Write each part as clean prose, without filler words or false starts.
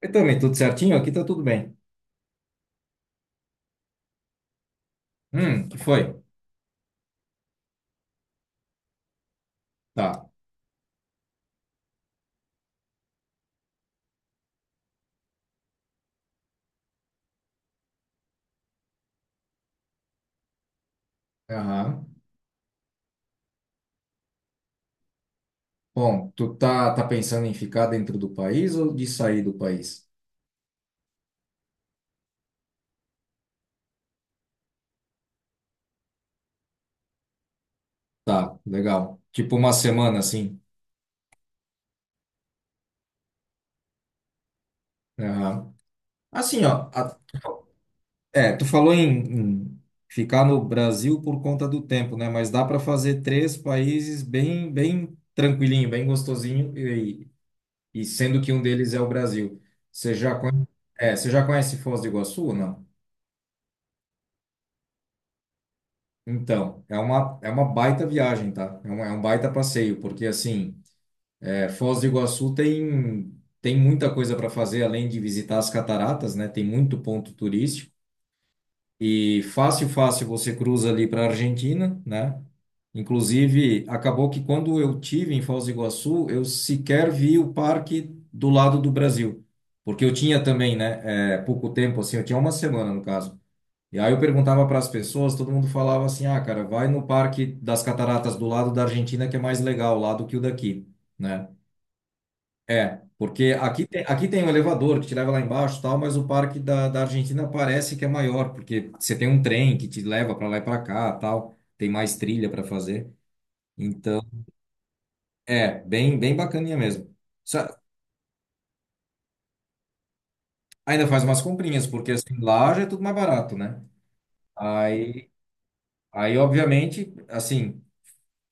Eu também, tudo certinho? Aqui tá tudo bem. Que foi? Tá. Aham. Bom, tu tá pensando em ficar dentro do país ou de sair do país? Tá, legal. Tipo uma semana, assim. Aham. Assim, ó. É, tu falou em ficar no Brasil por conta do tempo, né? Mas dá para fazer três países bem, bem tranquilinho, bem gostosinho, e sendo que um deles é o Brasil. Você já conhece, você já conhece Foz do Iguaçu ou não? Então, é uma baita viagem, tá? É um baita passeio, porque assim, Foz do Iguaçu tem muita coisa para fazer além de visitar as cataratas, né? Tem muito ponto turístico e fácil, fácil você cruza ali para a Argentina, né? Inclusive, acabou que quando eu tive em Foz do Iguaçu, eu sequer vi o parque do lado do Brasil, porque eu tinha também, né? Pouco tempo, assim, eu tinha uma semana no caso. E aí eu perguntava para as pessoas, todo mundo falava assim: ah, cara, vai no Parque das Cataratas do lado da Argentina, que é mais legal lá do que o daqui, né? É, porque aqui tem um elevador que te leva lá embaixo e tal, mas o Parque da Argentina parece que é maior, porque você tem um trem que te leva para lá e para cá, tal, tem mais trilha para fazer. Então, bem, bem bacaninha mesmo. Só- Ainda faz umas comprinhas, porque assim, lá já é tudo mais barato, né? Aí, aí obviamente, assim,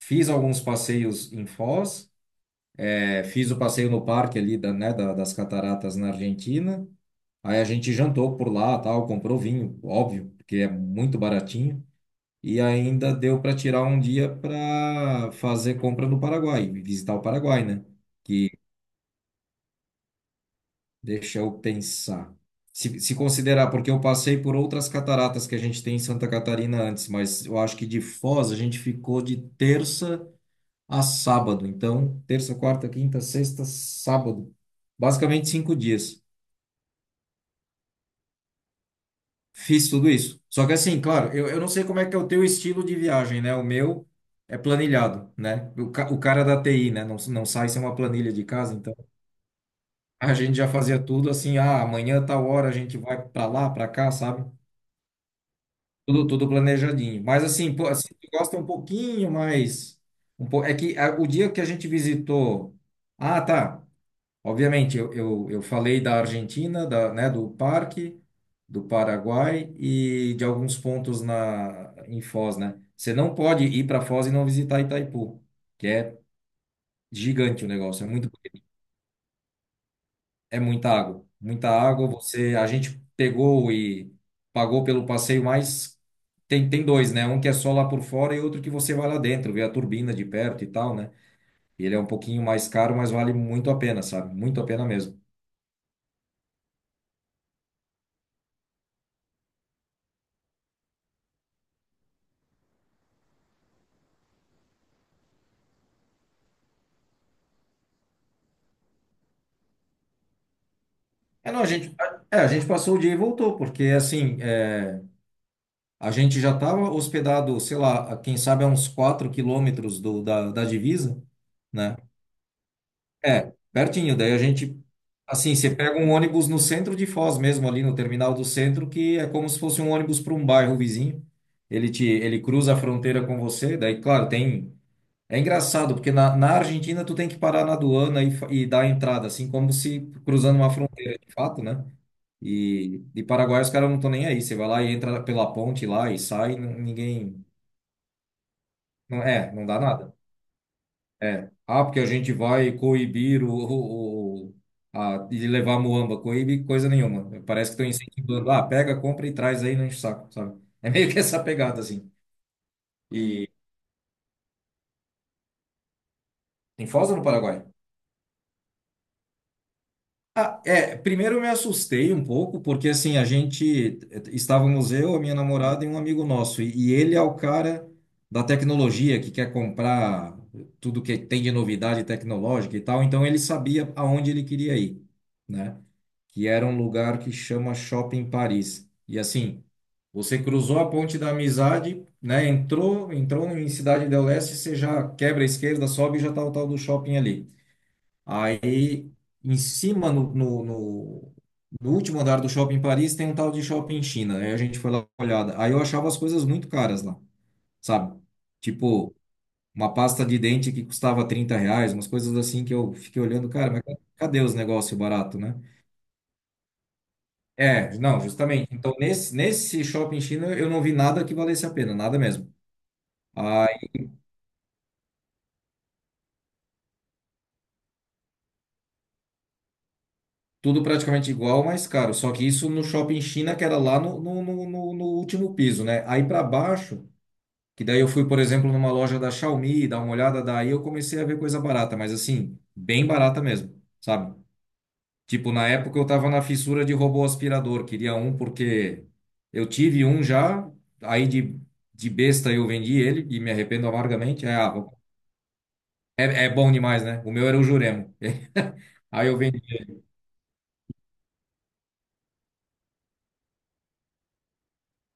fiz alguns passeios em Foz. É, fiz o passeio no parque ali da, né, das cataratas na Argentina. Aí a gente jantou por lá, tal, comprou vinho, óbvio, porque é muito baratinho. E ainda deu para tirar um dia para fazer compra no Paraguai, visitar o Paraguai, né? Deixa eu pensar. Se considerar, porque eu passei por outras cataratas que a gente tem em Santa Catarina antes, mas eu acho que de Foz a gente ficou de terça a sábado. Então, terça, quarta, quinta, sexta, sábado. Basicamente 5 dias. Fiz tudo isso. Só que assim, claro, eu não sei como é que é o teu estilo de viagem, né? O meu é planilhado, né? O cara da TI, né? Não, não sai sem uma planilha de casa, então a gente já fazia tudo assim, ah, amanhã tal hora a gente vai pra lá, pra cá, sabe? Tudo, tudo planejadinho. Mas assim, pô, assim, tu gosta um pouquinho mais. Um po... É que ah, o dia que a gente visitou. Ah, tá. Obviamente, eu falei da Argentina, da, né, do Parque, do Paraguai e de alguns pontos na, em Foz, né? Você não pode ir para Foz e não visitar Itaipu, que é gigante o negócio, é muito, é muita água, muita água. Você, a gente pegou e pagou pelo passeio, mas tem dois, né? Um que é só lá por fora e outro que você vai lá dentro, vê a turbina de perto e tal, né? Ele é um pouquinho mais caro, mas vale muito a pena, sabe? Muito a pena mesmo. É, não, a gente passou o dia e voltou, porque assim, a gente já estava hospedado, sei lá, quem sabe a uns 4 quilômetros da divisa, né? É, pertinho. Daí a gente, assim, você pega um ônibus no centro de Foz mesmo, ali no terminal do centro, que é como se fosse um ônibus para um bairro vizinho. Ele cruza a fronteira com você, daí, claro, tem. É engraçado, porque na Argentina tu tem que parar na aduana e, e dar a entrada, assim como se cruzando uma fronteira de fato, né? E Paraguai os caras não estão nem aí. Você vai lá e entra pela ponte lá e sai, ninguém. Não, não dá nada. É. Ah, porque a gente vai coibir e levar a muamba. Coíbe coisa nenhuma. Parece que estão incentivando. Ah, pega, compra e traz aí, não enche o saco, sabe? É meio que essa pegada, assim. E em Foz ou no Paraguai? Ah, é, primeiro eu me assustei um pouco, porque assim, a gente estávamos eu, a minha namorada e um amigo nosso, e ele é o cara da tecnologia que quer comprar tudo que tem de novidade tecnológica e tal, então ele sabia aonde ele queria ir, né? Que era um lugar que chama Shopping Paris. E assim, você cruzou a ponte da amizade, né? Entrou, entrou em Cidade del Leste, você já quebra a esquerda, sobe e já tá o tal do shopping ali. Aí, em cima, no último andar do shopping Paris, tem um tal de shopping China. Aí a gente foi lá dar uma olhada. Aí eu achava as coisas muito caras lá, sabe? Tipo, uma pasta de dente que custava R$ 30, umas coisas assim que eu fiquei olhando, cara, mas cadê os negócios baratos, né? É, não, justamente. Então, nesse shopping China, eu não vi nada que valesse a pena, nada mesmo. Aí, tudo praticamente igual, mas caro. Só que isso no shopping China, que era lá no último piso, né? Aí para baixo. Que daí eu fui, por exemplo, numa loja da Xiaomi, dar uma olhada, daí eu comecei a ver coisa barata, mas assim, bem barata mesmo, sabe? Tipo, na época eu tava na fissura de robô aspirador, queria um porque eu tive um já, aí de besta eu vendi ele e me arrependo amargamente. É bom demais, né? O meu era o Juremo. Aí eu vendi.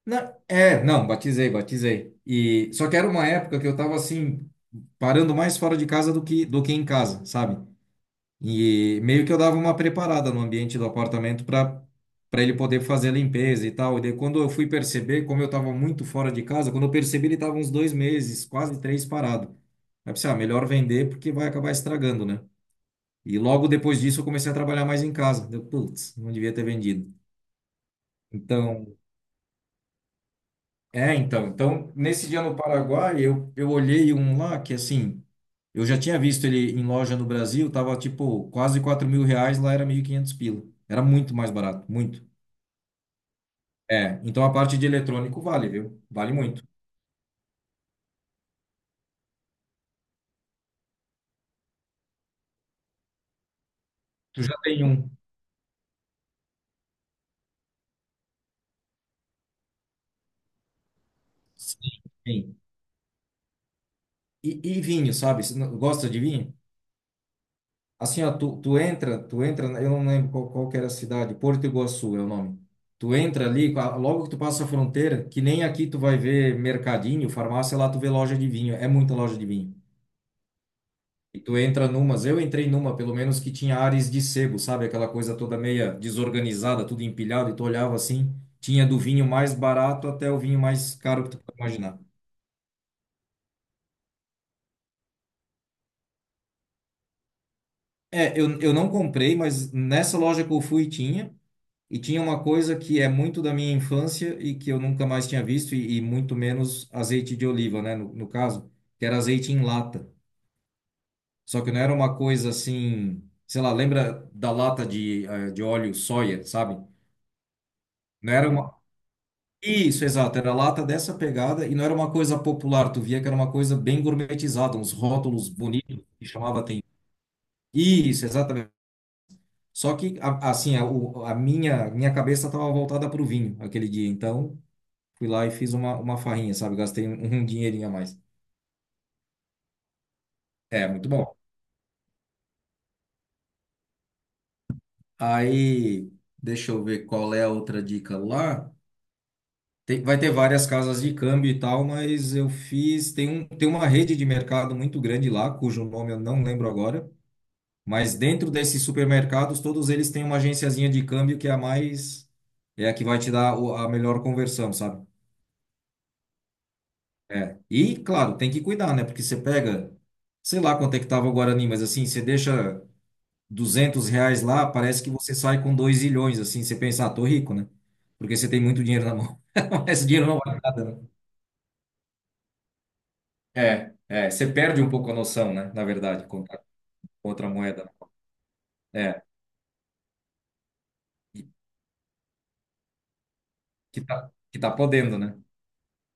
Não, não, batizei, batizei. E só que era uma época que eu tava assim, parando mais fora de casa do que em casa, sabe? E meio que eu dava uma preparada no ambiente do apartamento para ele poder fazer a limpeza e tal. E daí, quando eu fui perceber, como eu estava muito fora de casa, quando eu percebi, ele estava uns 2 meses, quase três parado. Aí eu pensei, ah, melhor vender porque vai acabar estragando, né? E logo depois disso eu comecei a trabalhar mais em casa. Deu, putz, não devia ter vendido. Então, então, nesse dia no Paraguai, eu olhei um lá que, assim, eu já tinha visto ele em loja no Brasil, tava, tipo, quase R$ 4.000, lá era 1.500 pila. Era muito mais barato, muito. É, então a parte de eletrônico vale, viu? Vale muito. Tu já tem um. Sim, sim. E vinho, sabe? Você não- Gosta de vinho? Assim, ó, tu entra, eu não lembro qual que era a cidade, Porto Iguaçu é o nome. Tu entra ali, logo que tu passa a fronteira, que nem aqui tu vai ver mercadinho, farmácia, lá tu vê loja de vinho, é muita loja de vinho. E tu entra numas, eu entrei numa, pelo menos, que tinha ares de sebo, sabe? Aquela coisa toda meia desorganizada, tudo empilhado, e tu olhava assim, tinha do vinho mais barato até o vinho mais caro que tu pode imaginar. É, eu não comprei, mas nessa loja que eu fui tinha. E tinha uma coisa que é muito da minha infância e que eu nunca mais tinha visto, e muito menos azeite de oliva, né? No caso, que era azeite em lata. Só que não era uma coisa assim, sei lá, lembra da lata de, de óleo soia, sabe? Não era Uhum. uma. Isso, exato, era lata dessa pegada e não era uma coisa popular, tu via que era uma coisa bem gourmetizada, uns rótulos bonitos que chamava atenção. Isso, exatamente. Só que, assim, a minha cabeça estava voltada para o vinho aquele dia, então. Fui lá e fiz uma farrinha, sabe? Gastei um dinheirinho a mais. É, muito bom. Aí, deixa eu ver qual é a outra dica lá. Vai ter várias casas de câmbio e tal, mas eu fiz. Tem uma rede de mercado muito grande lá, cujo nome eu não lembro agora. Mas dentro desses supermercados, todos eles têm uma agenciazinha de câmbio que é a mais. É a que vai te dar o- a melhor conversão, sabe? É. E, claro, tem que cuidar, né? Porque você pega. Sei lá quanto é que tava o Guarani, mas assim, você deixa. R$ 200 lá, parece que você sai com 2 milhões, assim, você pensa, ah, tô rico, né? Porque você tem muito dinheiro na mão. Mas esse dinheiro não vale nada, né? Você perde um pouco a noção, né? Na verdade, com outra moeda. É, e que tá podendo, né?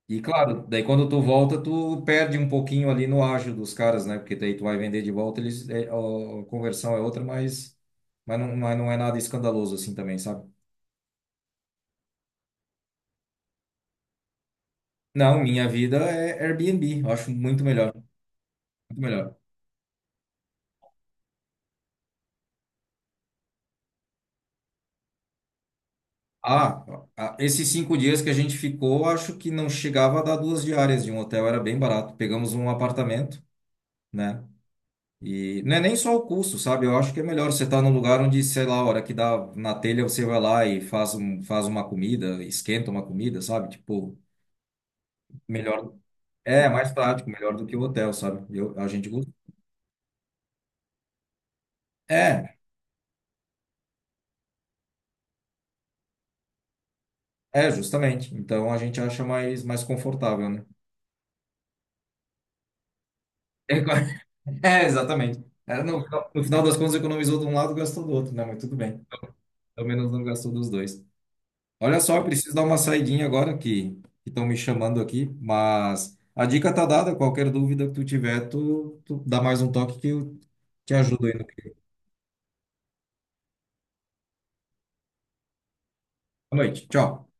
E claro, daí quando tu volta, tu perde um pouquinho ali no ágio dos caras, né? Porque daí tu vai vender de volta, eles, é, a conversão é outra, não, mas não é nada escandaloso assim também, sabe? Não, minha vida é Airbnb, eu acho muito melhor, muito melhor. Ah, ah, esses 5 dias que a gente ficou, acho que não chegava a dar 2 diárias de um hotel, era bem barato. Pegamos um apartamento, né? E não é nem só o custo, sabe? Eu acho que é melhor você estar num lugar onde, sei lá, a hora que dá na telha, você vai lá e faz, um, faz uma comida, esquenta uma comida, sabe? Tipo, melhor. É, mais prático, melhor do que o hotel, sabe? Eu, a gente gosta. É, justamente. Então a gente acha mais confortável, né? É, exatamente. É, no final das contas, economizou de um lado, gastou do outro, né? Mas tudo bem. Pelo menos não gastou dos dois. Olha só, eu preciso dar uma saidinha agora que estão me chamando aqui, mas a dica tá dada. Qualquer dúvida que tu tiver, tu dá mais um toque que eu te ajudo aí no que. Boa noite. Tchau.